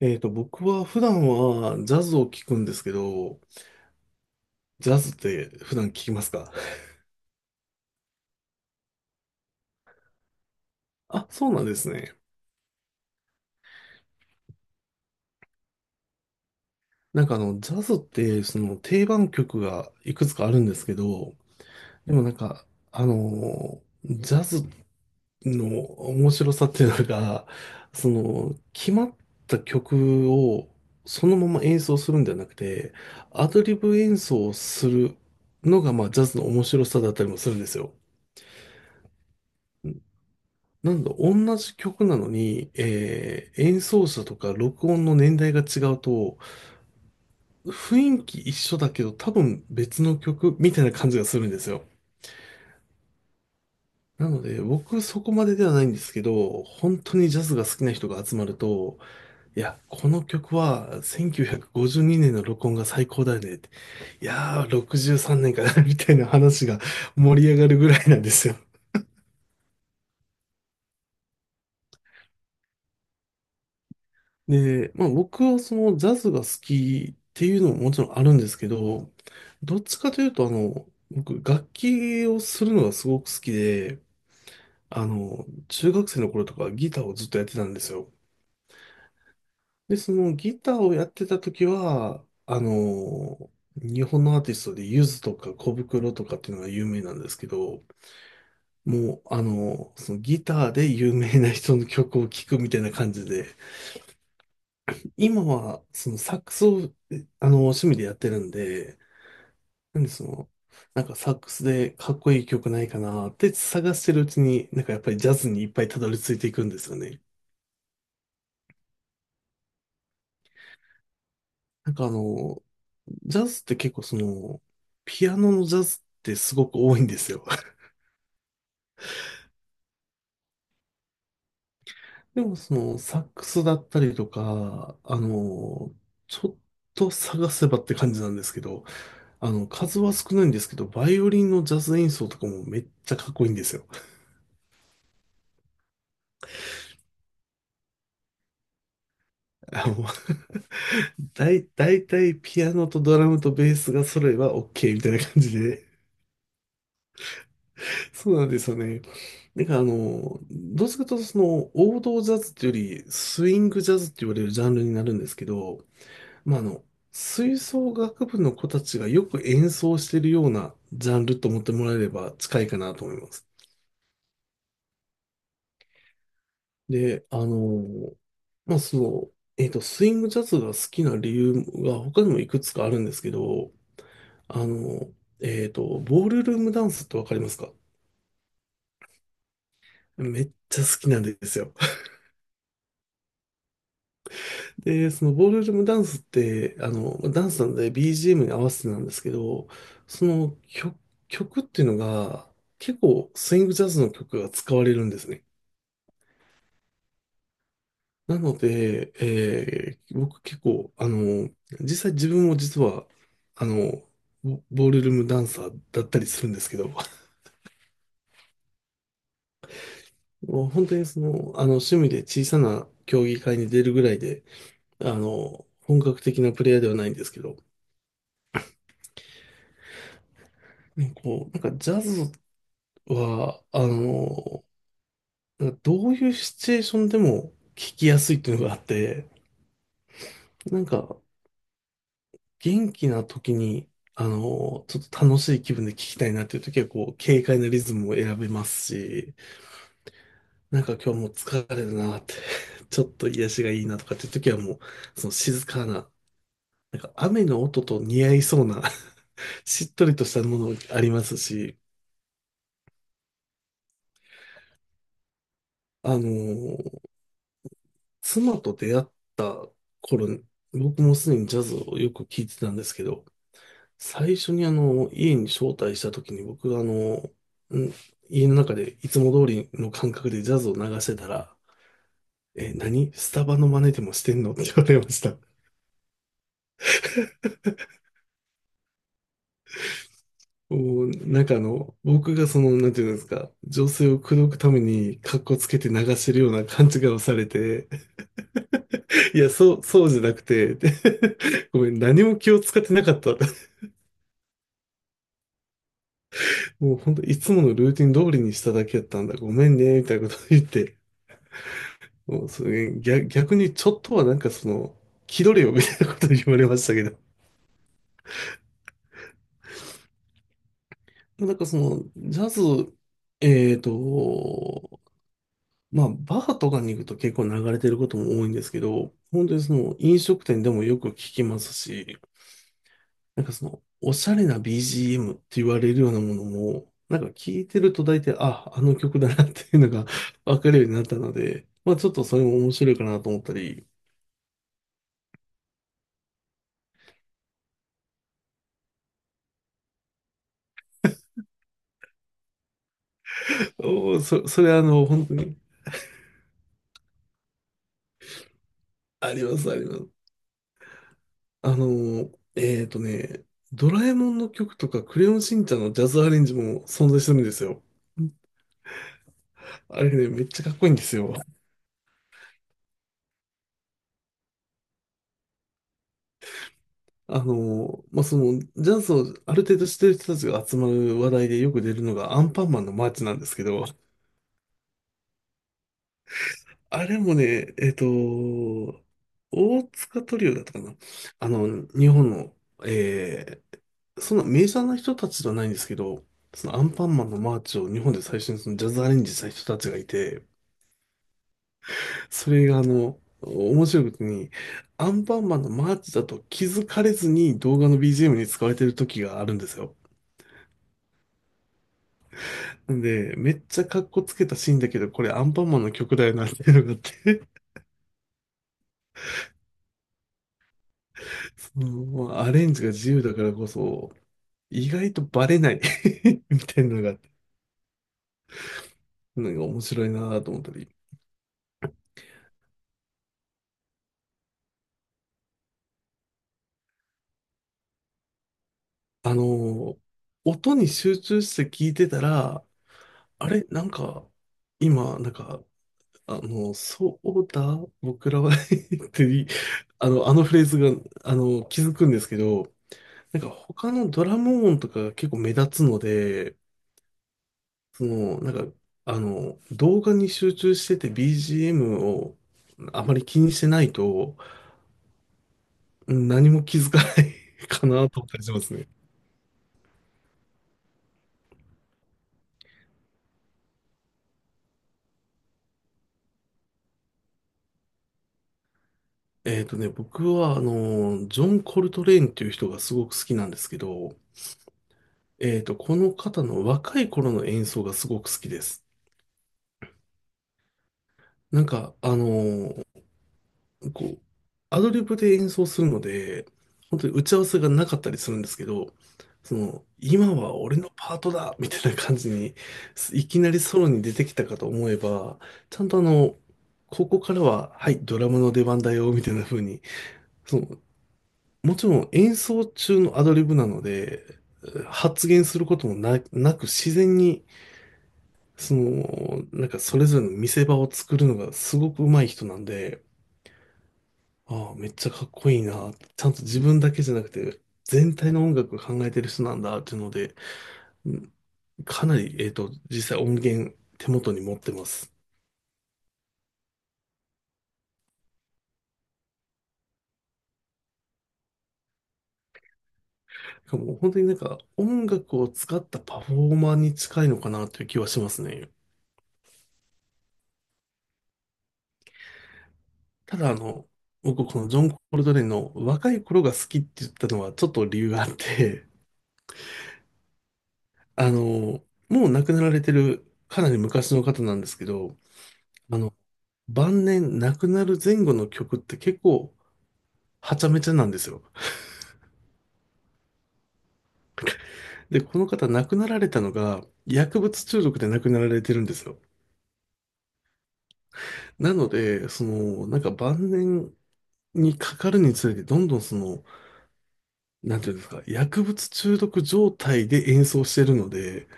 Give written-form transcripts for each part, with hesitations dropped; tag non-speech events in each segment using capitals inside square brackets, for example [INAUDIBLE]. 僕は普段はジャズを聴くんですけど、ジャズって普段聴きますか？ [LAUGHS] あ、そうなんですね。ジャズってその定番曲がいくつかあるんですけど、でもなんか、ジャズの面白さっていうのが、その、決まった曲をそのまま演奏するんじゃなくて、アドリブ演奏をするのが、まあ、ジャズの面白さだったりもするんですよ。なんだ、同じ曲なのに、演奏者とか録音の年代が違うと、雰囲気一緒だけど多分別の曲みたいな感じがするんですよ。なので、僕そこまでではないんですけど、本当にジャズが好きな人が集まると、いや、この曲は1952年の録音が最高だよねって。いやー、63年かな、 [LAUGHS] みたいな話が盛り上がるぐらいなんですよ。で、まあ僕はそのジャズが好きっていうのももちろんあるんですけど、どっちかというとあの、僕楽器をするのがすごく好きで、あの、中学生の頃とかギターをずっとやってたんですよ。で、そのギターをやってた時は、あの、日本のアーティストでゆずとか小袋とかっていうのが有名なんですけど、もうあの、そのギターで有名な人の曲を聴くみたいな感じで、今は、そのサックスを、えあの、趣味でやってるんで、なんでその、なんかサックスでかっこいい曲ないかなって探してるうちに、なんかやっぱりジャズにいっぱいたどり着いていくんですよね。なんかあの、ジャズって結構その、ピアノのジャズってすごく多いんですよ。[LAUGHS] でもその、サックスだったりとか、あの、ちょっと探せばって感じなんですけど、あの、数は少ないんですけど、バイオリンのジャズ演奏とかもめっちゃかっこいいんですよ。あの、 [LAUGHS] だいたいピアノとドラムとベースが揃えば OK みたいな感じで。[LAUGHS] そうなんですよね。なんかあの、どっちかというとその王道ジャズっていうよりスイングジャズって言われるジャンルになるんですけど、まああの、吹奏楽部の子たちがよく演奏してるようなジャンルと思ってもらえれば近いかなと思います。で、あの、まあその、スイングジャズが好きな理由が他にもいくつかあるんですけど、あの、ボールルームダンスってわかりますか？めっちゃ好きなんですよ。[LAUGHS] で、そのボールルームダンスって、あの、ダンスなので BGM に合わせてなんですけど、その曲、曲っていうのが結構スイングジャズの曲が使われるんですね。なので、僕結構、あの、実際自分も実は、あの、ボールルームダンサーだったりするんですけど、[LAUGHS] もう本当にその、あの、趣味で小さな競技会に出るぐらいで、あの、本格的なプレイヤーではないんですけど、ねこう、なんかジャズは、あの、なんかどういうシチュエーションでも聞きやすいっていうのがあって、なんか元気な時に、あの、ちょっと楽しい気分で聞きたいなっていう時は、こう、軽快なリズムを選べますし、なんか今日もう疲れるなって [LAUGHS] ちょっと癒しがいいなとかっていう時はもう、その静かな、なんか雨の音と似合いそうな [LAUGHS] しっとりとしたものありますし、あの、妻と出会った頃、僕もすでにジャズをよく聴いてたんですけど、最初にあの、家に招待した時に僕があの、ん家の中でいつも通りの感覚でジャズを流してたら、え、何スタバの真似でもしてんのって言われました。もう、なんかあの、僕がその、なんていうんですか、女性を口説くために格好つけて流してるような勘違いをされて、いや、そうじゃなくて、で [LAUGHS] ごめん、何も気を使ってなかった。もう本当いつものルーティン通りにしただけやったんだ。ごめんね、みたいなこと言って。もうそれ逆、逆にちょっとはなんかその、気取れよ、みたいなこと言われましたけど。なんかその、ジャズ、えーと、まあ、バーとかに行くと結構流れてることも多いんですけど、本当にその飲食店でもよく聞きますし、なんかその、おしゃれな BGM って言われるようなものも、なんか聞いてると大体、あ、あの曲だなっていうのが [LAUGHS] わかるようになったので、まあちょっとそれも面白いかなと思ったり、おーそ、それあの、本当に、あります、あります。あの、えっとね、ドラえもんの曲とか、クレヨンしんちゃんのジャズアレンジも存在するんですよ。あれね、めっちゃかっこいいんですよ。あの、まあ、その、ジャズをある程度知ってる人たちが集まる話題でよく出るのがアンパンマンのマーチなんですけど、あれもね、大塚トリオだったかな。あの、日本の、えそんなメジャーな人たちではないんですけど、そのアンパンマンのマーチを日本で最初にそのジャズアレンジした人たちがいて、それがあの、面白いことに、アンパンマンのマーチだと気づかれずに動画の BGM に使われてる時があるんですよ。なんで、めっちゃかっこつけたシーンだけど、これアンパンマンの曲だよなっていうのがあって、[LAUGHS] その、まあ、アレンジが自由だからこそ、意外とバレない [LAUGHS] みたいなのがあって、なんか面白いなと思ったり。あのー音に集中して聞いてたら、あれなんか、今、なんか、あの、そうだ、僕らは [LAUGHS] って、あの、あのフレーズが、あの、気づくんですけど、なんか他のドラム音とかが結構目立つので、その、動画に集中してて BGM をあまり気にしてないと、うん、何も気づかない [LAUGHS] かなと感じますね。僕は、あの、ジョン・コルトレーンっていう人がすごく好きなんですけど、えっと、この方の若い頃の演奏がすごく好きです。なんか、あの、こう、アドリブで演奏するので、本当に打ち合わせがなかったりするんですけど、その、今は俺のパートだみたいな感じに、いきなりソロに出てきたかと思えば、ちゃんとあの、ここからは、はい、ドラムの出番だよ、みたいな風に、そのもちろん演奏中のアドリブなので、発言することもなく自然に、その、なんかそれぞれの見せ場を作るのがすごく上手い人なんで、ああ、めっちゃかっこいいな。ちゃんと自分だけじゃなくて、全体の音楽を考えてる人なんだっていうので、うん、かなり、えっと、実際音源手元に持ってます。もう本当になんか音楽を使ったパフォーマーに近いのかなという気はしますね。ただ僕このジョン・コルトレーンの若い頃が好きって言ったのはちょっと理由があって、[LAUGHS] もう亡くなられてるかなり昔の方なんですけど、あの、晩年亡くなる前後の曲って結構はちゃめちゃなんですよ。で、この方亡くなられたのが薬物中毒で亡くなられてるんですよ。なので、なんか晩年にかかるにつれてどんどんなんていうんですか、薬物中毒状態で演奏してるので、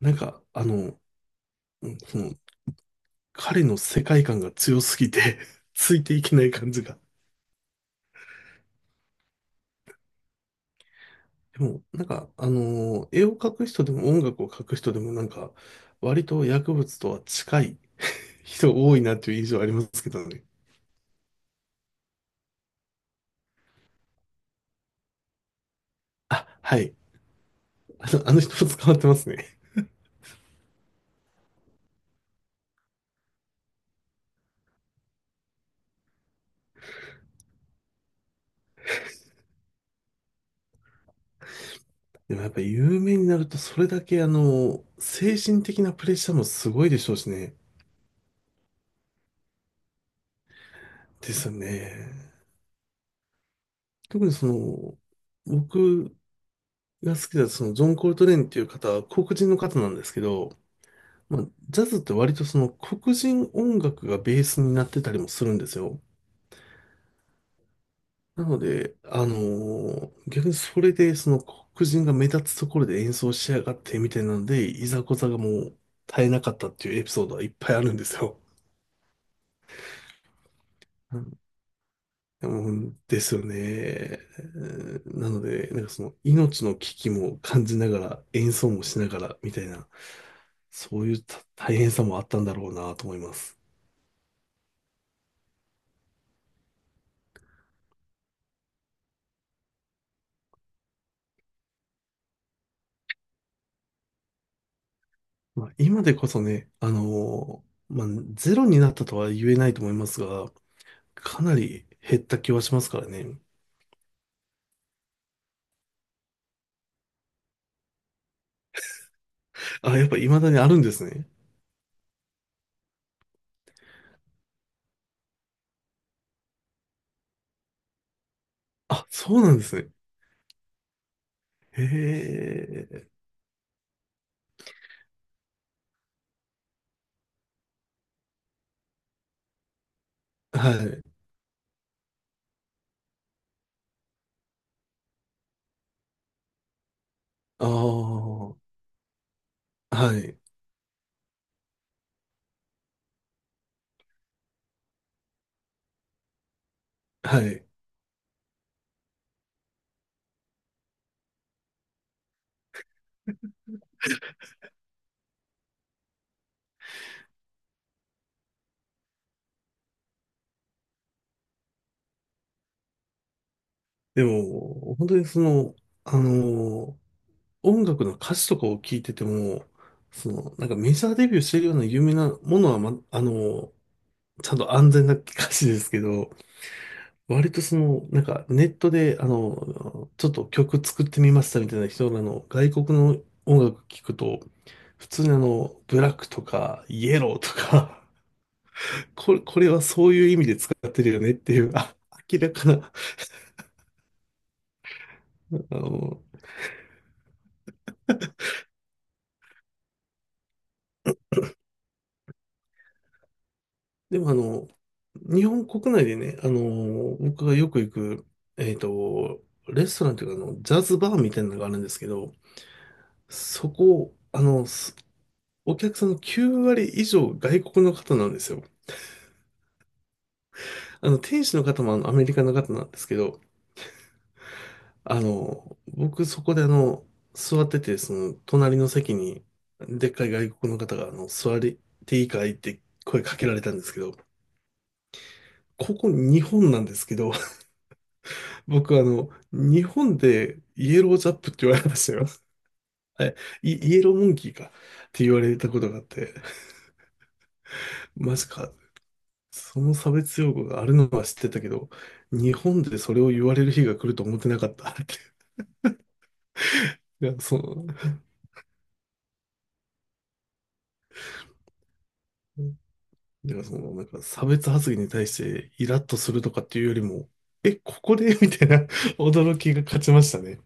なんか、うんその、彼の世界観が強すぎて [LAUGHS] ついていけない感じが。でも、なんか、絵を描く人でも音楽を描く人でも、なんか、割と薬物とは近い人多いなっていう印象ありますけどね。あ、はい。あの、あの人も捕まってますね。でもやっぱ有名になると、それだけ、あの精神的なプレッシャーもすごいでしょうしね。ですよね。特に僕が好きだ、その、ジョン・コルトレーンっていう方は黒人の方なんですけど、まあ、ジャズって割とその黒人音楽がベースになってたりもするんですよ。なので、逆にそれでその黒人が目立つところで演奏しやがってみたいなので、いざこざがもう絶えなかったっていうエピソードはいっぱいあるんですよ。うん、うんですよね。うん、なので、なんかその命の危機も感じながら演奏もしながらみたいな、そういうた大変さもあったんだろうなと思います。まあ、今でこそね、まあ、ゼロになったとは言えないと思いますが、かなり減った気はしますからね。あ、やっぱ未だにあるんですね。あ、そうなんですね。へえ、はい。ああ、はい、はい。でも、本当にあの音楽の歌詞とかを聞いてても、その、なんかメジャーデビューしてるような有名なものは、ま、あのちゃんと安全な歌詞ですけど、割とその、なんかネットで、あの、ちょっと曲作ってみましたみたいな人らの外国の音楽聞くと、普通にあの、ブラックとか、イエローとか、[LAUGHS] これはそういう意味で使ってるよねっていう、あ、明らかな、あの、でもあの、日本国内でね、あの、僕がよく行く、えっと、レストランというか、あの、ジャズバーみたいなのがあるんですけど、そこ、あの、お客さんの9割以上外国の方なんですよ。あの、店主の方もあのアメリカの方なんですけど、あの、僕そこであの、座ってて、その、隣の席に、でっかい外国の方が、あの、座りていいかいって声かけられたんですけど、ここ日本なんですけど、[LAUGHS] 僕あの、日本でイエロージャップって言われましたよ。[LAUGHS] はい、イエローモンキーかって言われたことがあって、マジか。その差別用語があるのは知ってたけど、日本でそれを言われる日が来ると思ってなかったって。[LAUGHS] いや、そう。だからその、なんか差別発言に対してイラッとするとかっていうよりも、え、ここで [LAUGHS] みたいな驚きが勝ちましたね。